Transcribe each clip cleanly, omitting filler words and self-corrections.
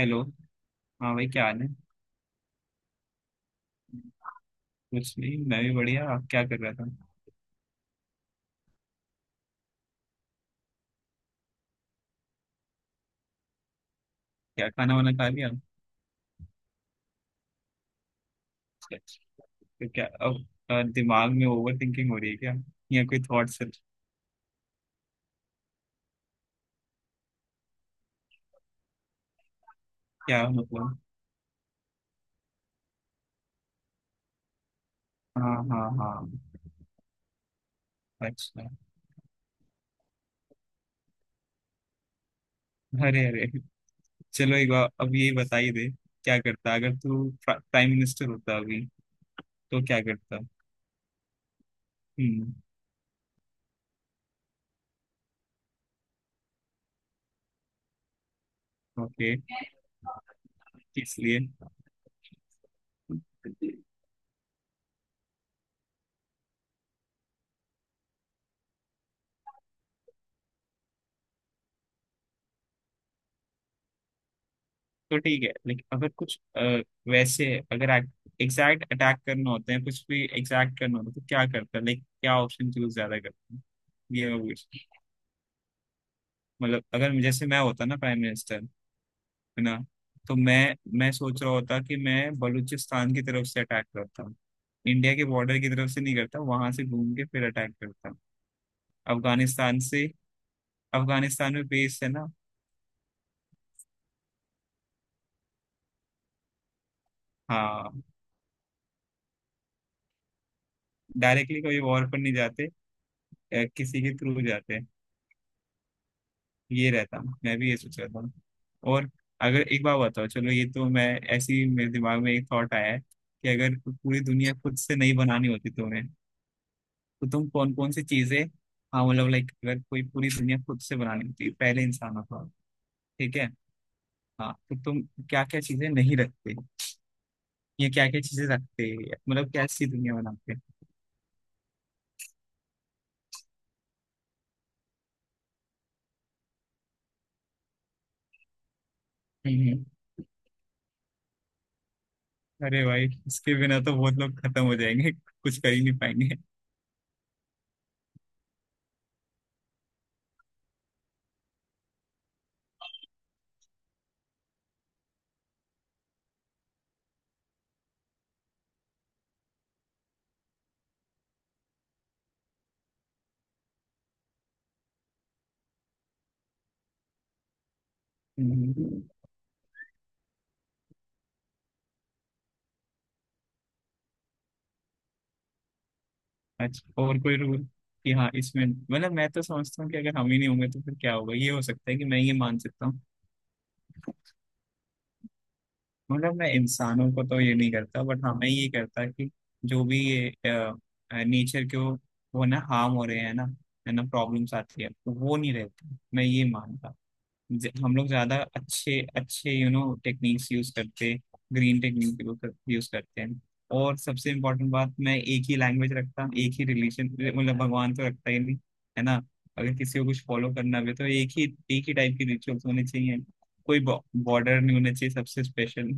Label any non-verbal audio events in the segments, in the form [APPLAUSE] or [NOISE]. Hello. हाँ भाई, क्या हाल है। कुछ नहीं, मैं भी बढ़िया। आप क्या कर रहा था। क्या खाना वाना खा लिया। तो क्या अब। दिमाग में ओवर थिंकिंग हो रही है क्या। या कोई थॉट्स है। क्या मतलब। हाँ हाँ हाँ। अच्छा। अरे अरे। चलो एक बार अब यही बताइए दे। क्या करता अगर तू प्राइम मिनिस्टर होता अभी, तो क्या करता। हम्म। ओके। इसलिए। तो ठीक है लेकिन अगर कुछ वैसे अगर एग्जैक्ट अटैक करना होता है, कुछ भी एग्जैक्ट करना होता है, तो क्या करता है, लाइक क्या ऑप्शन चूज ज्यादा करता है। ये मैं पूछ। मतलब अगर मैं- जैसे मैं होता ना प्राइम मिनिस्टर। है ना। तो मैं सोच रहा होता कि मैं बलूचिस्तान की तरफ से अटैक करता हूँ। इंडिया के बॉर्डर की तरफ से नहीं करता, वहां से घूम के फिर अटैक करता हूँ। अफगानिस्तान से। अफगानिस्तान में बेस है ना। हाँ। डायरेक्टली कभी वॉर पर नहीं जाते। किसी के थ्रू जाते हैं। ये रहता। मैं भी ये सोच रहा था। और। अगर एक बात बताओ, चलो ये तो मैं ऐसे ही मेरे दिमाग में एक थॉट आया है कि अगर पूरी दुनिया खुद से नहीं बनानी होती तुम्हें, तो तुम कौन कौन सी चीजें। हाँ, मतलब लाइक अगर कोई पूरी दुनिया खुद से बनानी होती पहले इंसानों को। ठीक है। हाँ तो तुम। क्या क्या चीजें नहीं रखते। या क्या क्या चीजें रखते। मतलब कैसी दुनिया बनाते। हम्म हम्म। अरे भाई, इसके बिना तो बहुत लोग खत्म हो जाएंगे, कुछ कर ही नहीं पाएंगे। हम्म। अच्छा, और कोई रूल। कि हाँ इसमें मतलब मैं तो समझता हूँ कि अगर हम ही नहीं होंगे तो फिर क्या होगा, ये हो सकता है कि मैं ये मान सकता हूँ। मतलब मैं इंसानों को तो ये नहीं करता, बट हाँ मैं ये करता कि। जो भी ये। नेचर के वो। वो ना हार्म हो रहे हैं ना। है ना, प्रॉब्लम्स आती है तो वो नहीं रहती, मैं ये मानता। हम लोग ज्यादा अच्छे अच्छे टेक्निक्स यूज करते। ग्रीन टेक्निक यूज करते हैं। और सबसे इम्पोर्टेंट बात, मैं एक ही लैंग्वेज रखता, एक ही रिलीजन। मतलब भगवान तो रखता ही नहीं। है ना। अगर किसी को कुछ फॉलो करना भी है, तो एक ही। एक ही टाइप के रिचुअल्स होने चाहिए। कोई बॉर्डर नहीं होना चाहिए, सबसे स्पेशल।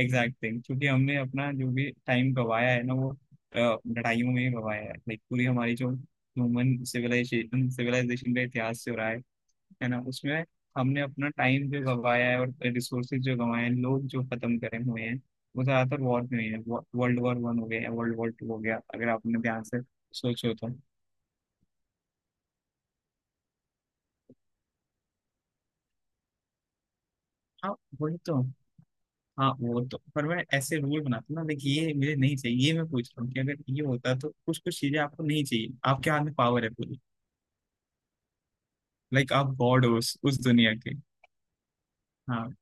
Exact thing. [LAUGHS] क्योंकि हमने अपना जो भी टाइम गवाया है ना वो लड़ाइयों में ही गवाया है, लाइक पूरी हमारी जो ह्यूमन सिविलाइजेशन सिविलाइजेशन का इतिहास जो रहा है। है ना उसमें। हमने अपना टाइम जो गवाया है और रिसोर्सेज जो गवाए हैं, लोग जो खत्म करे हुए हैं। वो ज्यादातर वॉर में हुए हैं। वर्ल्ड वॉर वन हो गया, वर्ल्ड वॉर टू हो गया, अगर आपने ध्यान से। सोचो तो। हाँ वही तो। हाँ वो तो, पर मैं ऐसे रूल बनाता हूँ ना, देखिए ये मुझे नहीं चाहिए, ये मैं पूछ रहा हूँ कि अगर ये होता तो कुछ कुछ चीजें आपको नहीं चाहिए, आपके हाथ में पावर है पूरी। लाइक आप गॉड हो उस दुनिया के। हाँ।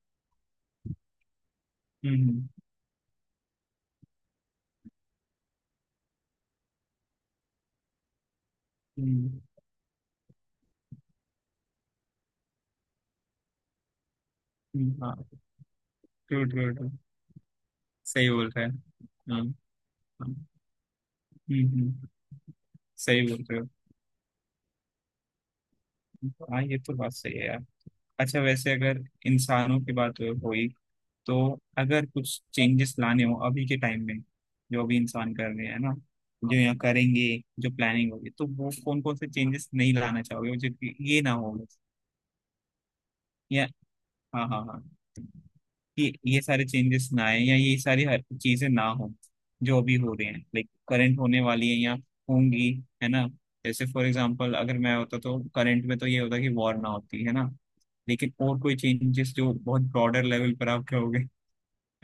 हम्म हम्म हम्म, हाँ। True true true. सही बोल रहे हैं। हाँ हाँ, हम्म। सही बोल रहे हो। हाँ, ये तो बात सही है यार। अच्छा, वैसे अगर इंसानों की बात हुई। तो। अगर कुछ चेंजेस लाने हो अभी के टाइम में। जो अभी इंसान कर रहे हैं ना। जो यहाँ करेंगे। जो प्लानिंग होगी, तो वो कौन कौन से चेंजेस नहीं लाना चाहोगे जो कि ये ना हो। या। हाँ हाँ हाँ। कि ये सारे चेंजेस ना आए या ये सारी हर चीजें ना हो। जो अभी हो रही हैं, लाइक करंट होने वाली है या। होंगी। है ना। जैसे फॉर एग्जाम्पल अगर मैं होता तो करंट में तो ये होता कि वॉर ना होती, है ना। लेकिन और कोई चेंजेस जो बहुत ब्रॉडर लेवल पर आप कहोगे।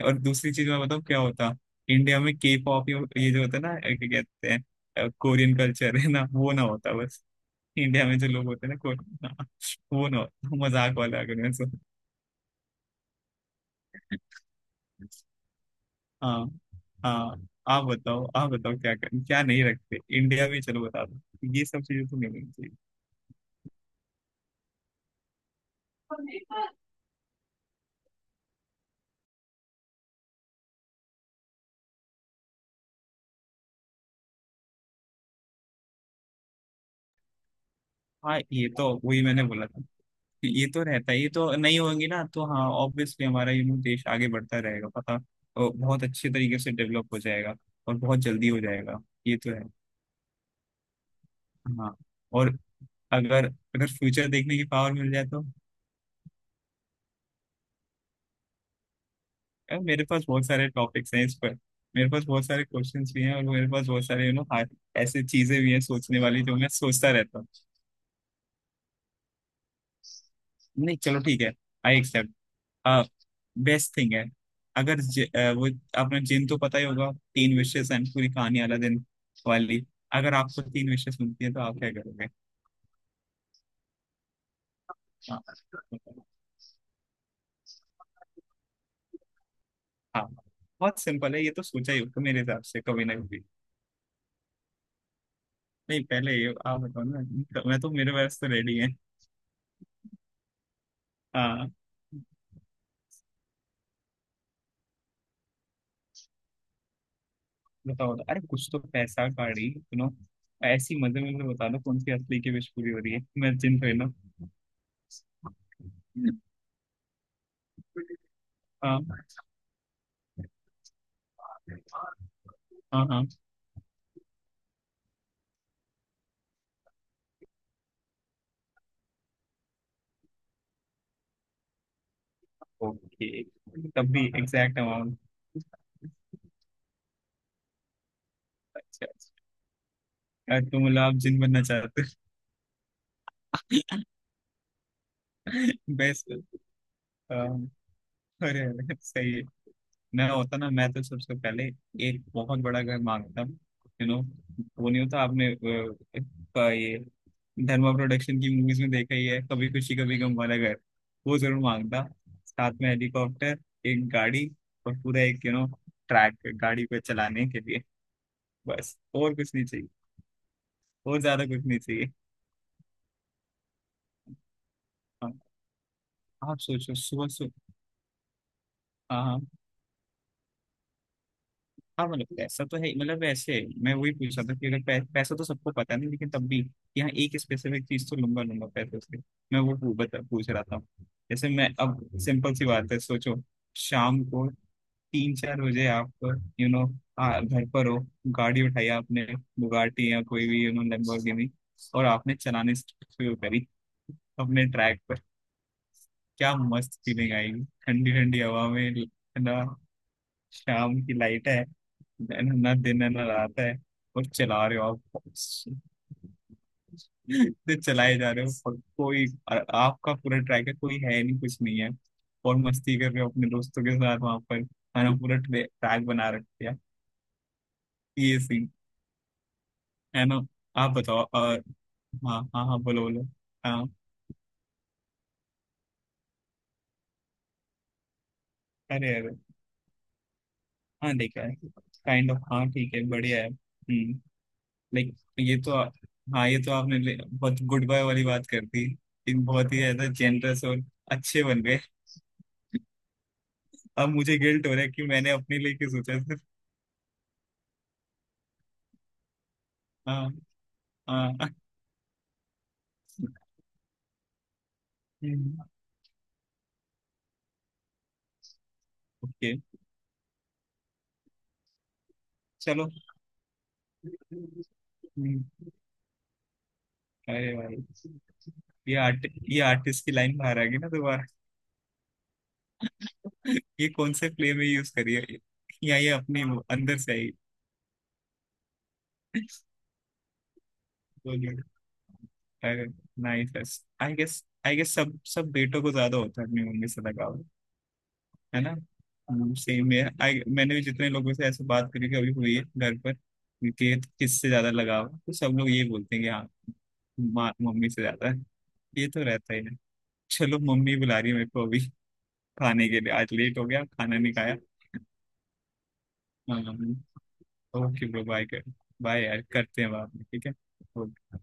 और दूसरी चीज मैं बताऊँ क्या होता। इंडिया में के पॉप, ये जो होता है ना, क्या कहते हैं, कोरियन कल्चर, है ना, वो ना होता बस। इंडिया में जो लोग होते हैं ना कोरियन [LAUGHS] हाँ, वो ना होता, मजाक वाला, अगर मैं सो। हाँ। हाँ, आप बताओ, क्या नहीं रखते इंडिया में, चलो बता दो। ये सब चीजें तो नहीं होनी चाहिए। हाँ, ये तो वही मैंने बोला था। ये तो रहता है, ये तो नहीं होंगी ना, तो हाँ ऑब्वियसली हमारा देश आगे बढ़ता रहेगा पता। और बहुत अच्छे तरीके से डेवलप हो जाएगा। और बहुत जल्दी हो जाएगा। ये तो है। हाँ। और। अगर अगर फ्यूचर देखने की पावर मिल जाए तो। यार, मेरे पास बहुत सारे टॉपिक्स हैं इस पर। मेरे पास बहुत सारे क्वेश्चंस भी हैं और मेरे पास बहुत सारे ऐसे चीजें भी हैं सोचने वाली, जो मैं सोचता रहता हूँ। नहीं, चलो ठीक है। I accept. बेस्ट थिंग है। अगर वो आपने जिन तो पता ही होगा, तीन विशेष एंड पूरी कहानी वाला दिन। वाली। अगर आपको तीन विशेष मिलती है तो आप क्या करोगे। हाँ हाँ। बहुत सिंपल है, ये तो सोचा ही होगा मेरे हिसाब से कभी ना कभी। नहीं, पहले ये आप बताओ ना। मैं तो, मेरे पास तो रेडी है। हाँ, बताओ बताओ, अरे कुछ तो पैसा गाड़ी, सुनो। ऐसी मजे में तो बता दो, कौन सी असली की विश पूरी हो रही है, मैं जिन थोड़ी ना। हाँ हाँ हाँ। ओके। तब भी एग्जैक्ट अमाउंट। अच्छा अच्छा। यार, तो मतलब आप जिन बनना चाहते हो। [LAUGHS] बेस्ट। अरे अरे, सही है। मैं होता ना, मैं तो सबसे पहले एक बहुत बड़ा घर मांगता हूँ, यू नो, वो नहीं होता आपने ये धर्मा प्रोडक्शन की मूवीज में देखा ही है, कभी खुशी कभी गम वाला घर। वो जरूर मांगता। साथ में हेलीकॉप्टर। एक गाड़ी। और पूरा एक ट्रैक, गाड़ी को चलाने के लिए। बस और कुछ नहीं चाहिए। और ज्यादा कुछ नहीं चाहिए। हाँ, आप सोचो सुबह सुबह। हाँ हाँ। हाँ मतलब पैसा तो है ही, मतलब वैसे मैं वही पूछ रहा था कि अगर पै, पैसा तो सबको पता नहीं लेकिन तब भी। यहाँ एक स्पेसिफिक चीज तो लूंगा लूंगा पैसे से। मैं वो पू- बता पूछ रहा था। जैसे मैं अब सिंपल सी बात है, सोचो। शाम को 3-4 बजे आप घर पर हो। गाड़ी उठाई आपने, बुगाटी या कोई भी लैम्बोर्गिनी। और आपने चलाने शुरू करी अपने ट्रैक पर। क्या मस्त फीलिंग आएगी, ठंडी ठंडी हवा में, है ना। शाम की लाइट है, मैंने ना दिन है ना रात है। और चला रहे हो आप। [LAUGHS] तो चलाए जा रहे हो, और कोई। और आपका पूरा ट्रैक है, कोई है नहीं, कुछ नहीं है। और मस्ती कर रहे हो अपने दोस्तों के साथ वहां पर। है ना, पूरा ट्रैक बना रखा है। ये सीन, है ना। आप बताओ और। हाँ हाँ हाँ, बोलो बोलो। हाँ। अरे अरे। हाँ, देखा है। काइंड ऑफ, हाँ ठीक है, बढ़िया है। हम्म। लाइक ये तो आ-। हाँ, ये तो आपने बहुत गुड बाय वाली बात कर दी कि बहुत ही ज्यादा जेनरस और अच्छे बन गए। अब मुझे गिल्ट हो रहा है कि मैंने अपने लिए क्यों सोचा सिर्फ। हाँ। हाँ। [LAUGHS] ओके, चलो। हम्म, अरे भाई, ये आर्टिस्ट की लाइन बाहर आ गई ना दोबारा। [LAUGHS] ये कौन से प्ले में यूज करी है। या ये अपने वो अंदर से आई। बोलिए। अरे। नाइस, आई गेस सब सब बेटों को ज्यादा होता है अपनी मम्मी से लगाव। है ना। सेम है, आई मैंने भी जितने लोगों से ऐसे बात करी कि अभी हुई है घर पर, कि किससे ज्यादा लगाव है, तो सब लोग ये बोलते हैं कि हाँ माँ मम्मी से ज्यादा है। ये तो रहता ही है। चलो, मम्मी बुला रही है मेरे को अभी खाने के लिए, आज लेट हो गया, खाना नहीं खाया। हाँ, ओके ब्रो, बाय कर। बाय यार, करते हैं बाद में, ठीक है। Okay.